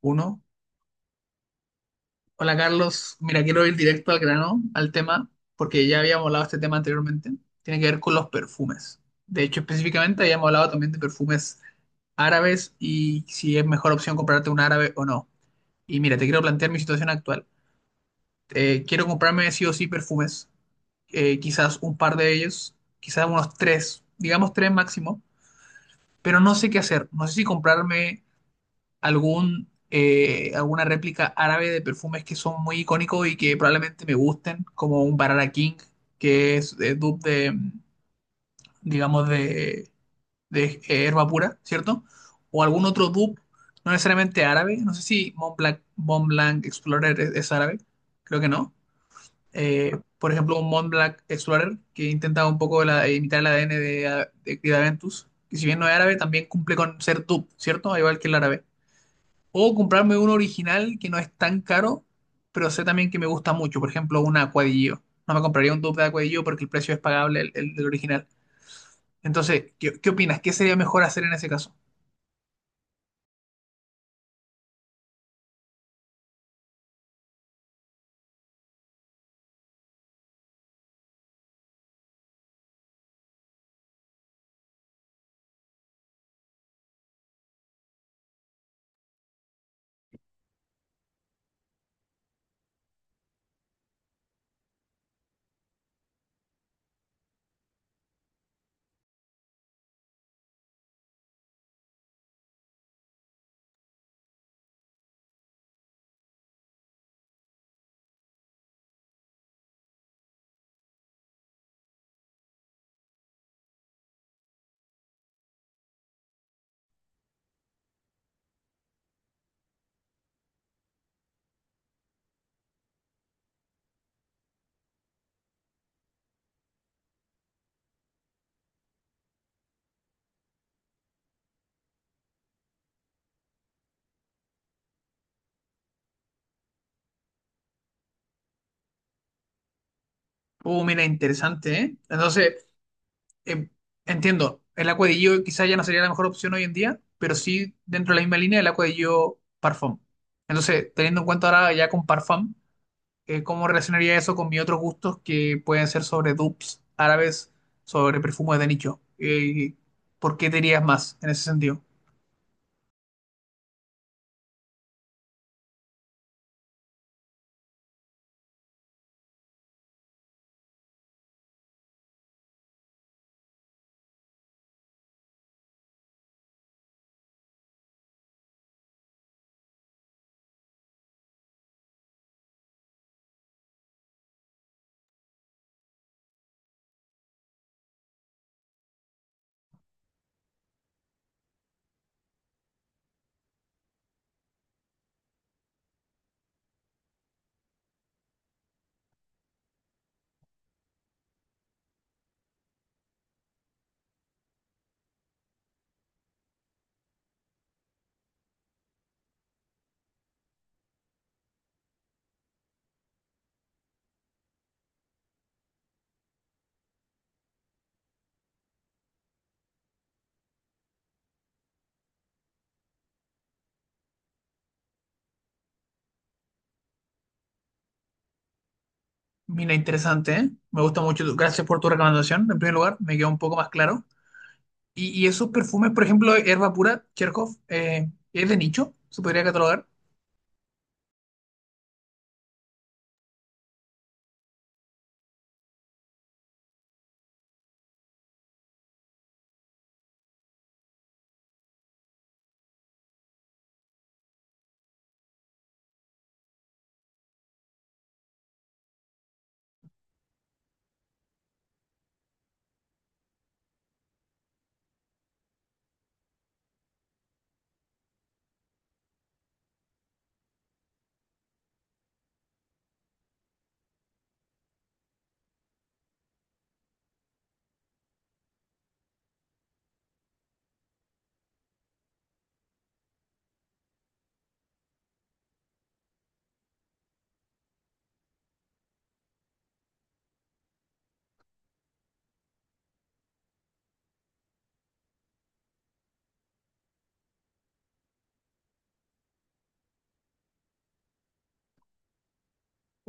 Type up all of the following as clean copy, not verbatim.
Uno. Hola Carlos, mira, quiero ir directo al grano, al tema, porque ya habíamos hablado de este tema anteriormente. Tiene que ver con los perfumes. De hecho, específicamente habíamos hablado también de perfumes árabes y si es mejor opción comprarte un árabe o no. Y mira, te quiero plantear mi situación actual. Quiero comprarme sí o sí perfumes, quizás un par de ellos, quizás unos tres, digamos tres máximo, pero no sé qué hacer. No sé si comprarme algún, alguna réplica árabe de perfumes que son muy icónicos y que probablemente me gusten, como un Barara King, que es dupe digamos, de Herba Pura, ¿cierto? O algún otro dupe, no necesariamente árabe, no sé si Montblanc, Montblanc Explorer es árabe, creo que no. Por ejemplo, un Montblanc Explorer que intenta un poco imitar el ADN de Creed Aventus, que si bien no es árabe, también cumple con ser dupe, ¿cierto? Al igual que el árabe. O comprarme uno original que no es tan caro, pero sé también que me gusta mucho. Por ejemplo, un acuadillo. No me compraría un dupe de acuadillo porque el precio es pagable el del original. Entonces, ¿qué, qué opinas? ¿Qué sería mejor hacer en ese caso? Oh, mira, interesante, ¿eh? Entonces, eh, entiendo, el acuadillo quizás ya no sería la mejor opción hoy en día, pero sí dentro de la misma línea el acuadillo Parfum. Entonces, teniendo en cuenta ahora ya con Parfum, ¿cómo relacionaría eso con mis otros gustos que pueden ser sobre dupes árabes, sobre perfumes de nicho? ¿Por qué te dirías más en ese sentido? Mira, interesante, ¿eh? Me gusta mucho. Gracias por tu recomendación. En primer lugar, me queda un poco más claro. Y esos perfumes, por ejemplo, Herba Pura, Cherkov, ¿es de nicho? ¿Se podría catalogar?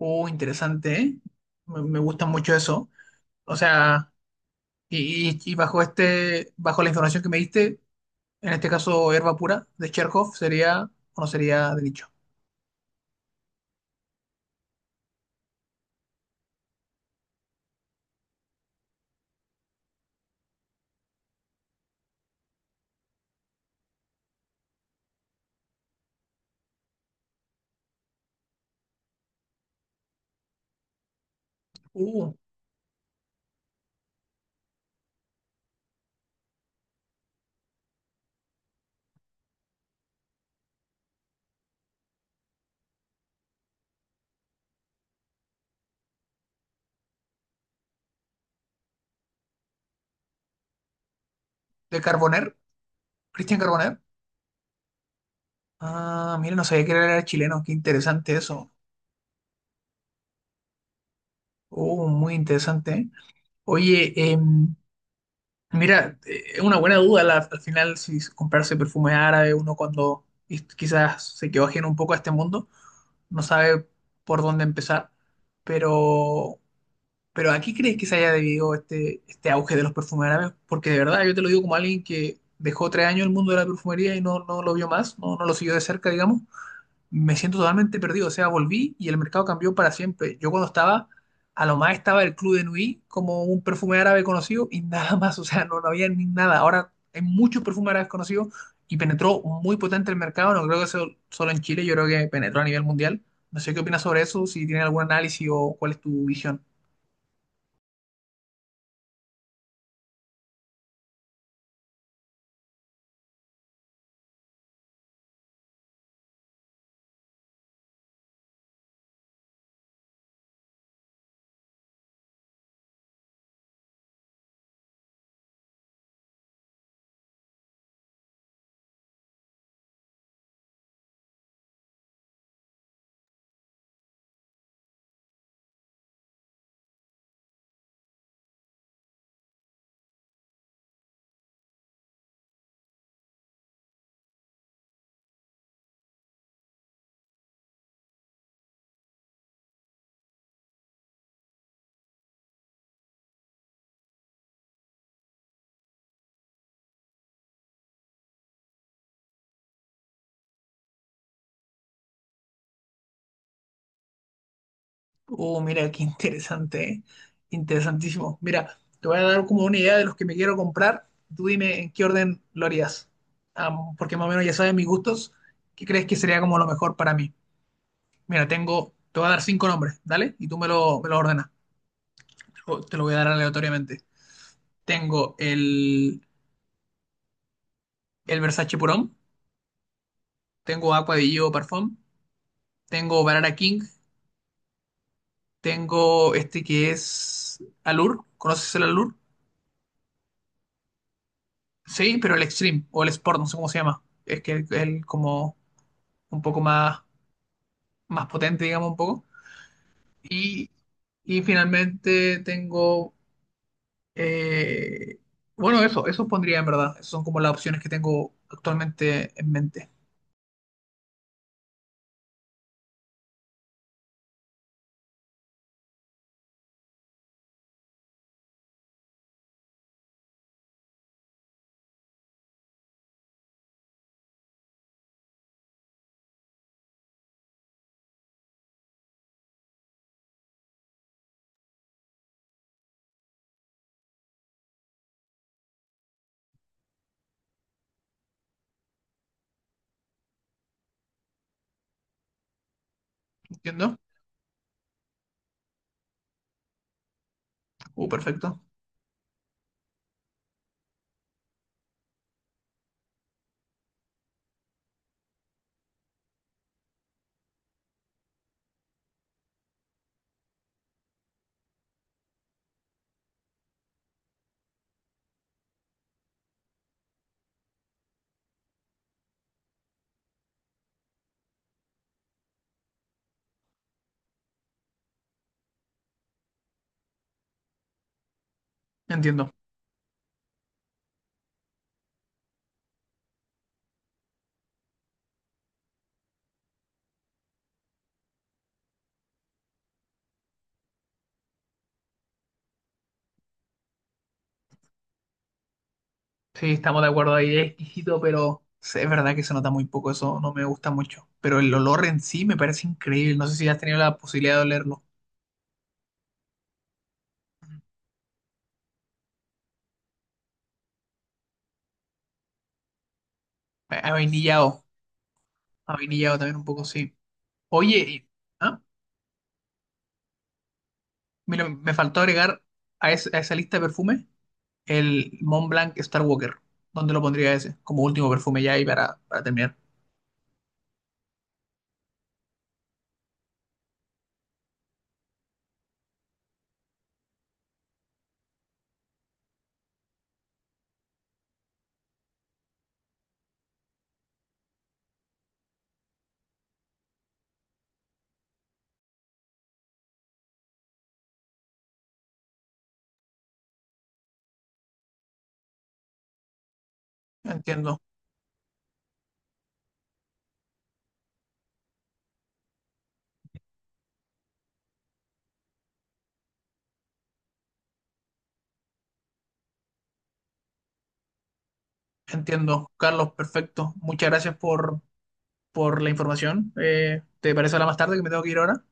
Oh, interesante, ¿eh? Me gusta mucho eso. O sea, y bajo este, bajo la información que me diste, en este caso, Herba Pura de Cherkov sería o no sería de nicho. Uh, de Carboner, Cristian Carboner. Ah, mira, no sabía que era chileno, qué interesante eso. Oh, muy interesante. ¿Eh? Oye, mira, es una buena duda al final si comprarse perfume árabe, uno cuando quizás se quedó ajeno un poco a este mundo, no sabe por dónde empezar. Pero, pero ¿a qué crees que se haya debido este, este auge de los perfumes árabes? Porque de verdad, yo te lo digo como alguien que dejó tres años el mundo de la perfumería y no, no lo vio más, no lo siguió de cerca, digamos me siento totalmente perdido. O sea, volví y el mercado cambió para siempre. Yo cuando estaba, a lo más estaba el Club de Nui como un perfume árabe conocido y nada más. O sea, no había ni nada. Ahora hay muchos perfumes árabes conocidos y penetró muy potente el mercado. No creo que sea solo en Chile, yo creo que penetró a nivel mundial. No sé qué opinas sobre eso, si tienes algún análisis o cuál es tu visión. Oh, mira, qué interesante, ¿eh? Interesantísimo. Mira, te voy a dar como una idea de los que me quiero comprar. Tú dime en qué orden lo harías. Am, porque más o menos ya sabes mis gustos. ¿Qué crees que sería como lo mejor para mí? Mira, tengo, te voy a dar cinco nombres, ¿dale? Y tú me lo ordenas. Te lo voy a dar aleatoriamente. Tengo el Versace Purón. Tengo Aqua di Gio Parfum. Tengo Barara King. Tengo este que es Allure. ¿Conoces el Allure? Sí, pero el Extreme o el Sport, no sé cómo se llama. Es que el como un poco más, más potente, digamos, un poco. Y, y finalmente tengo, eh, bueno, eso pondría en verdad. Esas son como las opciones que tengo actualmente en mente. ¿Entiendo? Perfecto. Entiendo. Sí, estamos de acuerdo ahí. Es exquisito, pero sí, es verdad que se nota muy poco. Eso no me gusta mucho. Pero el olor en sí me parece increíble. No sé si has tenido la posibilidad de olerlo. A vainillado. A vainillado también un poco, sí. Oye, ah, mira, me faltó agregar a, a esa lista de perfumes el Mont Blanc Star Walker. ¿Dónde lo pondría ese? Como último perfume ya y para terminar. Entiendo, entiendo. Carlos, perfecto. Muchas gracias por la información. ¿Te parece hablar más tarde que me tengo que ir ahora?